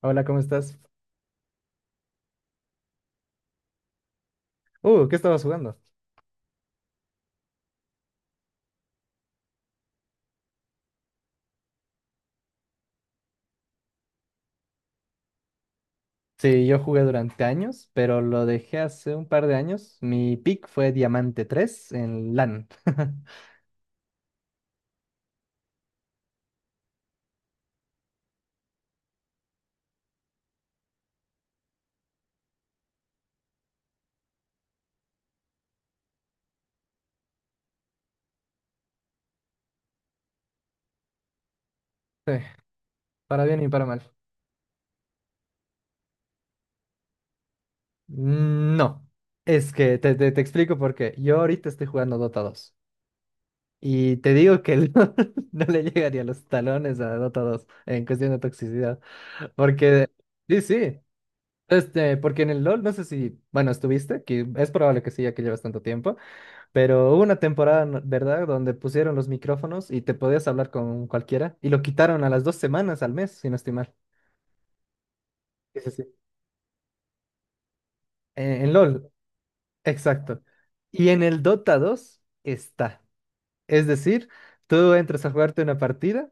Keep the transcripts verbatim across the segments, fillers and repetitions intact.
Hola, ¿cómo estás? Uh, ¿qué estabas jugando? Sí, yo jugué durante años, pero lo dejé hace un par de años. Mi pick fue Diamante tres en LAN. Sí, para bien y para mal. No, es que te, te, te explico por qué. Yo ahorita estoy jugando Dota dos y te digo que el LoL no le llega ni a los talones a Dota dos en cuestión de toxicidad. Porque, sí, sí, este, porque en el LoL, no sé si, bueno, estuviste, que es probable que sí, ya que llevas tanto tiempo. Pero hubo una temporada, ¿no- ¿verdad?, donde pusieron los micrófonos y te podías hablar con cualquiera y lo quitaron a las dos semanas, al mes, si no estoy mal. Sí, sí, sí. Eh, En LOL, exacto. Y en el Dota dos está. Es decir, tú entras a jugarte una partida,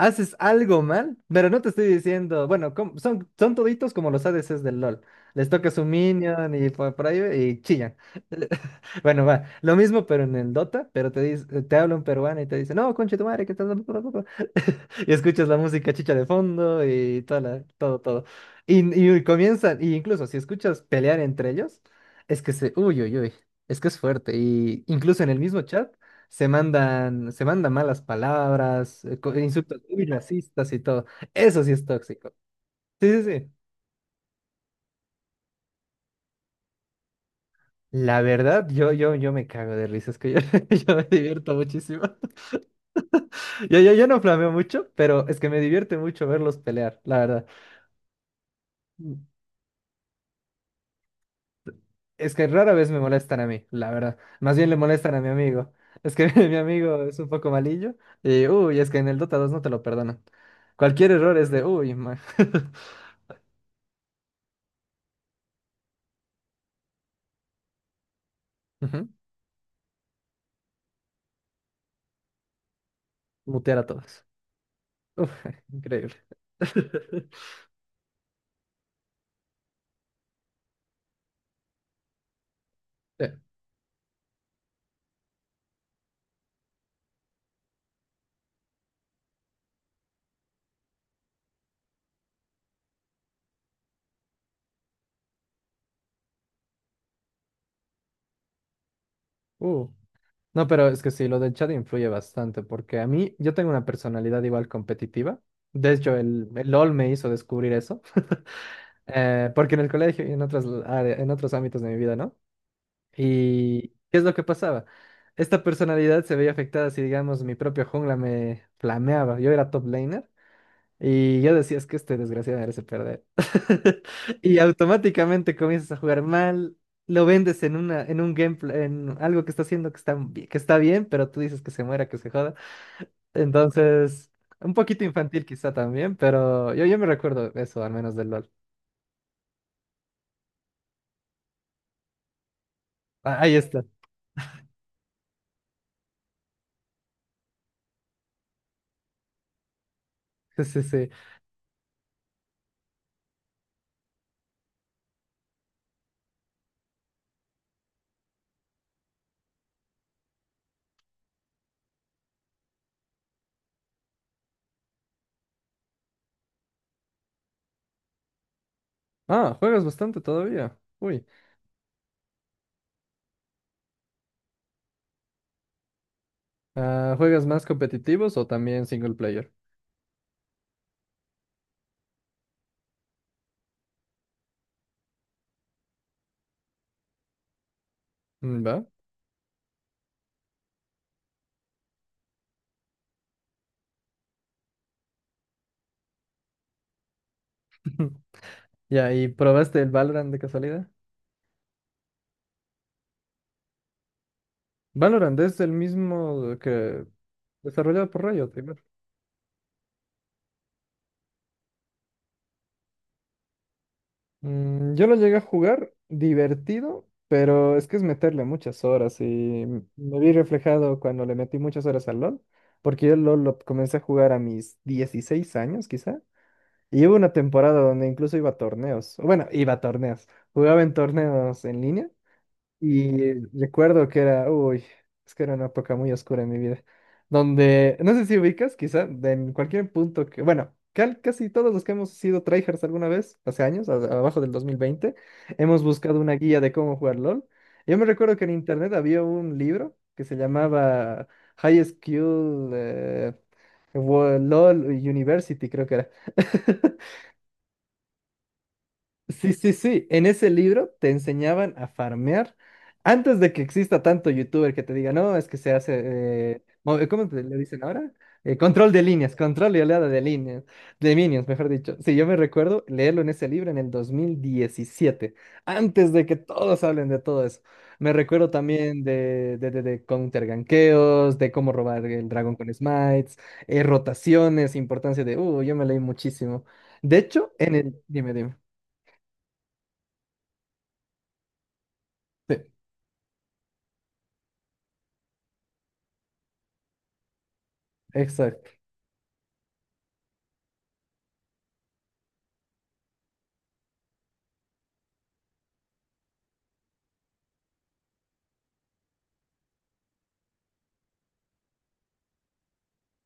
haces algo mal, pero no te estoy diciendo, bueno, com- son, son toditos como los A D Cs del LOL. Les toca su minion y por, por ahí y chillan. Bueno, va, lo mismo pero en el Dota, pero te dice, te habla un peruano y te dice, no, conche tu madre, que estás... Y escuchas la música chicha de fondo y toda la- todo, todo. Y, y comienzan, y incluso si escuchas pelear entre ellos, es que se, uy, uy, uy, es que es fuerte. Y incluso en el mismo chat. Se mandan, se mandan malas palabras, eh, co- insultos muy racistas y todo. Eso sí es tóxico. Sí, sí, sí. La verdad, yo, yo, yo me cago de risa, es que yo, yo me divierto muchísimo. Yo, yo, yo no flameo mucho, pero es que me divierte mucho verlos pelear, la verdad. Mm. Es que rara vez me molestan a mí, la verdad. Más bien le molestan a mi amigo. Es que mi amigo es un poco malillo y, uy, es que en el Dota dos no te lo perdonan. Cualquier error es de, uy, ma- Ujú. Mutear a todos. Uf, increíble. Sí. Uh, No, pero es que sí, lo del chat influye bastante, porque a mí, yo tengo una personalidad igual competitiva. De hecho, el, el LOL me hizo descubrir eso, eh, porque en el colegio y en otras, área- en otros ámbitos de mi vida, ¿no? ¿Y qué es lo que pasaba? Esta personalidad se veía afectada si, digamos, mi propio jungla me flameaba. Yo era top laner. Y yo decía, es que este desgraciado merece perder. Y automáticamente comienzas a jugar mal, lo vendes en una, en un gameplay, en algo que está haciendo que está, bi- que está bien, pero tú dices que se muera, que se joda. Entonces, un poquito infantil quizá también, pero yo, yo me recuerdo eso, al menos del LOL. Ah, ahí está. Sí, sí, sí. Ah, juegas bastante todavía. Uy. Ah, ¿juegas más competitivos o también single player? Mm, ¿va? Ya, ¿y probaste el Valorant de casualidad? Valorant es el mismo que Desarrollado por Riot, primero. Mm, yo lo llegué a jugar divertido, pero es que es meterle muchas horas y m- me vi reflejado cuando le metí muchas horas al LoL, porque yo el LoL lo comencé a jugar a mis dieciséis años quizá, y hubo una temporada donde incluso iba a torneos, bueno, iba a torneos, jugaba en torneos en línea. Y recuerdo que era, uy, es que era una época muy oscura en mi vida, donde, no sé si ubicas, quizá, de en cualquier punto que, bueno, cal- casi todos los que hemos sido tryhards alguna vez, hace años, a- abajo del dos mil veinte hemos buscado una guía de cómo jugar LOL. Yo me recuerdo que en internet había un libro que se llamaba High School eh, Wo- LOL University, creo que era. Sí, sí, sí. En ese libro te enseñaban a farmear antes de que exista tanto youtuber que te diga, no, es que se hace, eh, mo- eh, ¿cómo te- le dicen ahora? Eh, control de líneas, control y oleada de líneas, de minions, mejor dicho. Sí, yo me recuerdo leerlo en ese libro en el dos mil diecisiete, antes de que todos hablen de todo eso. Me recuerdo también de, de, de, de counter ganqueos, de cómo robar el dragón con smites, eh, rotaciones, importancia de, uh, yo me leí muchísimo. De hecho, en el, dime, dime. Sí. Exacto,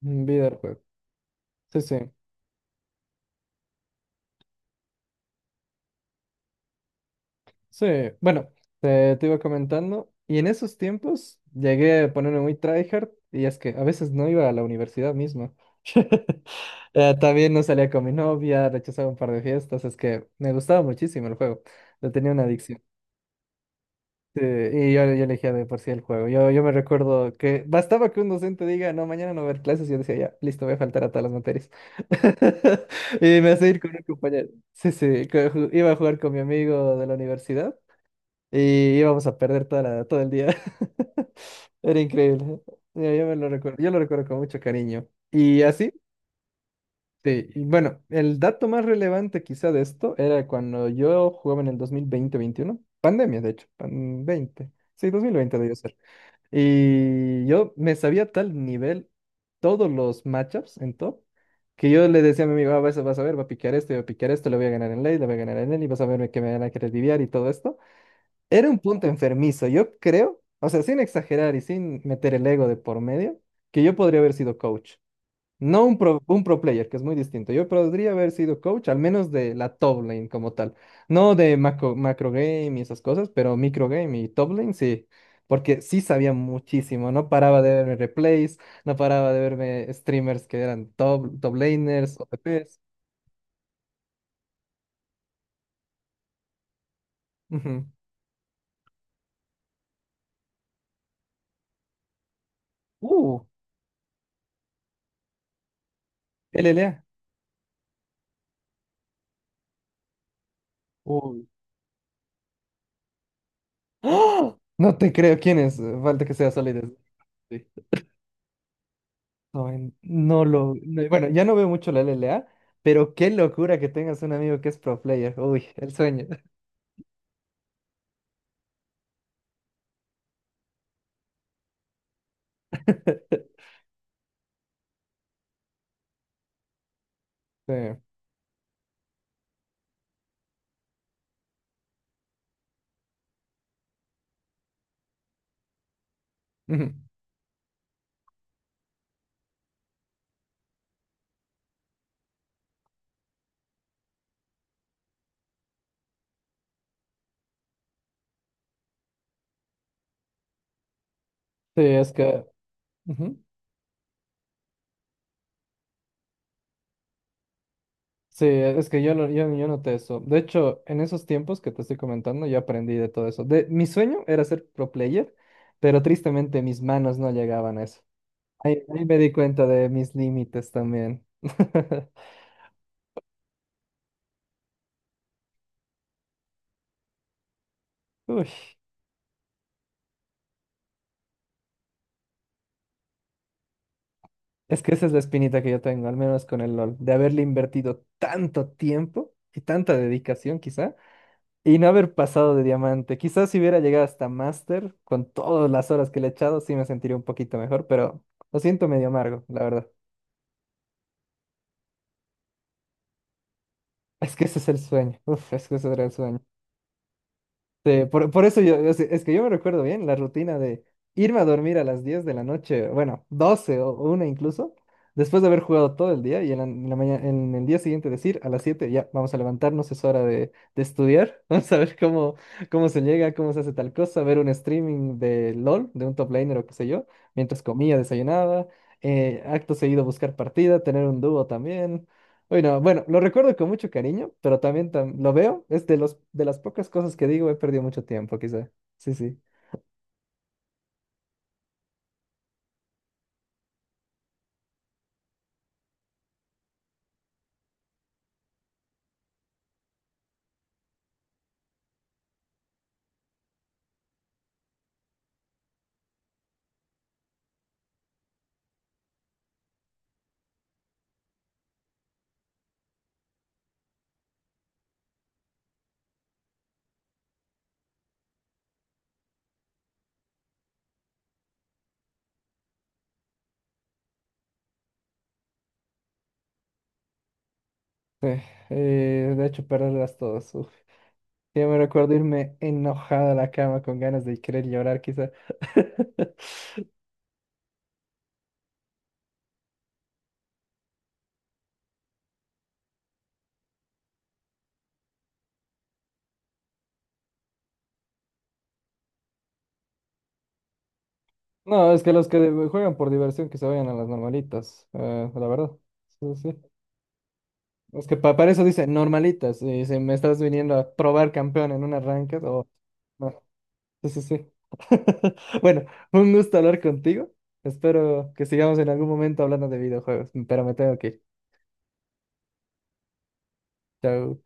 un videojuego. Sí, sí, sí. Bueno, te, te iba comentando. Y en esos tiempos llegué a ponerme muy tryhard y es que a veces no iba a la universidad misma. Eh, también no salía con mi novia, rechazaba un par de fiestas, es que me gustaba muchísimo el juego, le tenía una adicción. Sí, y yo, yo elegía de por sí el juego. Yo, yo me recuerdo que bastaba que un docente diga, no, mañana no va a haber clases. Y yo decía, ya, listo, voy a faltar a todas las materias. Y me hacía ir con un compañero. Sí, sí, que ju- iba a jugar con mi amigo de la universidad y íbamos a perder toda la- todo el día. Era increíble. Yo, yo me lo recuerdo, yo lo recuerdo con mucho cariño. ¿Y así? Sí, y bueno, el dato más relevante quizá de esto era cuando yo jugaba en el dos mil veinte veintiuno, pandemia, de hecho, pan veinte sí, dos mil veinte debió ser. Y yo me sabía a tal nivel todos los matchups en top, que yo le decía a mi amigo, "Ah, vas, a vas a ver, va a piquear esto, y va a piquear esto, le voy a ganar en late, le voy a ganar en él y vas a ver que me van a querer diviar y todo esto". Era un punto enfermizo, yo creo, o sea, sin exagerar y sin meter el ego de por medio, que yo podría haber sido coach. No un pro, un pro player, que es muy distinto. Yo podría haber sido coach, al menos de la top lane como tal. No de macro, macro game y esas cosas, pero micro game y top lane sí. Porque sí sabía muchísimo. No paraba de verme replays, no paraba de verme streamers que eran top, top laners, O P Ps. Ujú. Uh, L L A. Uy. ¡Ah! No te creo quién es. Falta que sea Solid. Snake. No, en- no lo. No- bueno, ya no veo mucho la L L A, pero qué locura que tengas un amigo que es pro player. Uy, el sueño. Sí, ujú. Sí, es que, ujú. Sí, es que yo, lo- yo, yo noté eso. De hecho, en esos tiempos que te estoy comentando, yo aprendí de todo eso. De, mi sueño era ser pro player, pero tristemente mis manos no llegaban a eso. Ahí, ahí me di cuenta de mis límites también. Uy. Es que esa es la espinita que yo tengo, al menos con el LOL, de haberle invertido tanto tiempo y tanta dedicación quizá, y no haber pasado de diamante. Quizás si hubiera llegado hasta máster, con todas las horas que le he echado, sí me sentiría un poquito mejor, pero lo siento medio amargo, la verdad. Es que ese es el sueño. Uf, es que ese era el sueño. Sí, por, por eso yo, es, es que yo me recuerdo bien la rutina de irme a dormir a las diez de la noche, bueno, doce o una incluso, después de haber jugado todo el día y en la, en la mañana, en el día siguiente decir, a las siete, ya, vamos a levantarnos, es hora de, de estudiar, vamos a ver cómo, cómo se llega, cómo se hace tal cosa, ver un streaming de LOL, de un top laner o qué sé yo, mientras comía, desayunaba, eh, acto seguido buscar partida, tener un dúo también. Bueno, bueno, lo recuerdo con mucho cariño, pero también tam- lo veo. Es de los de las pocas cosas que digo, he perdido mucho tiempo, quizá. Sí, sí. Eh, de hecho, perderlas todas. Uf. Yo me recuerdo irme enojada a la cama con ganas de querer llorar, quizá. No, es que los que de- juegan por diversión que se vayan a las normalitas, eh, la verdad. Sí, sí, sí. Es que pa- para eso dice normalitas, y si me estás viniendo a probar campeón en un arranque, o no. Sí, sí, sí. Bueno, un gusto hablar contigo. Espero que sigamos en algún momento hablando de videojuegos, pero me tengo que ir. Chao.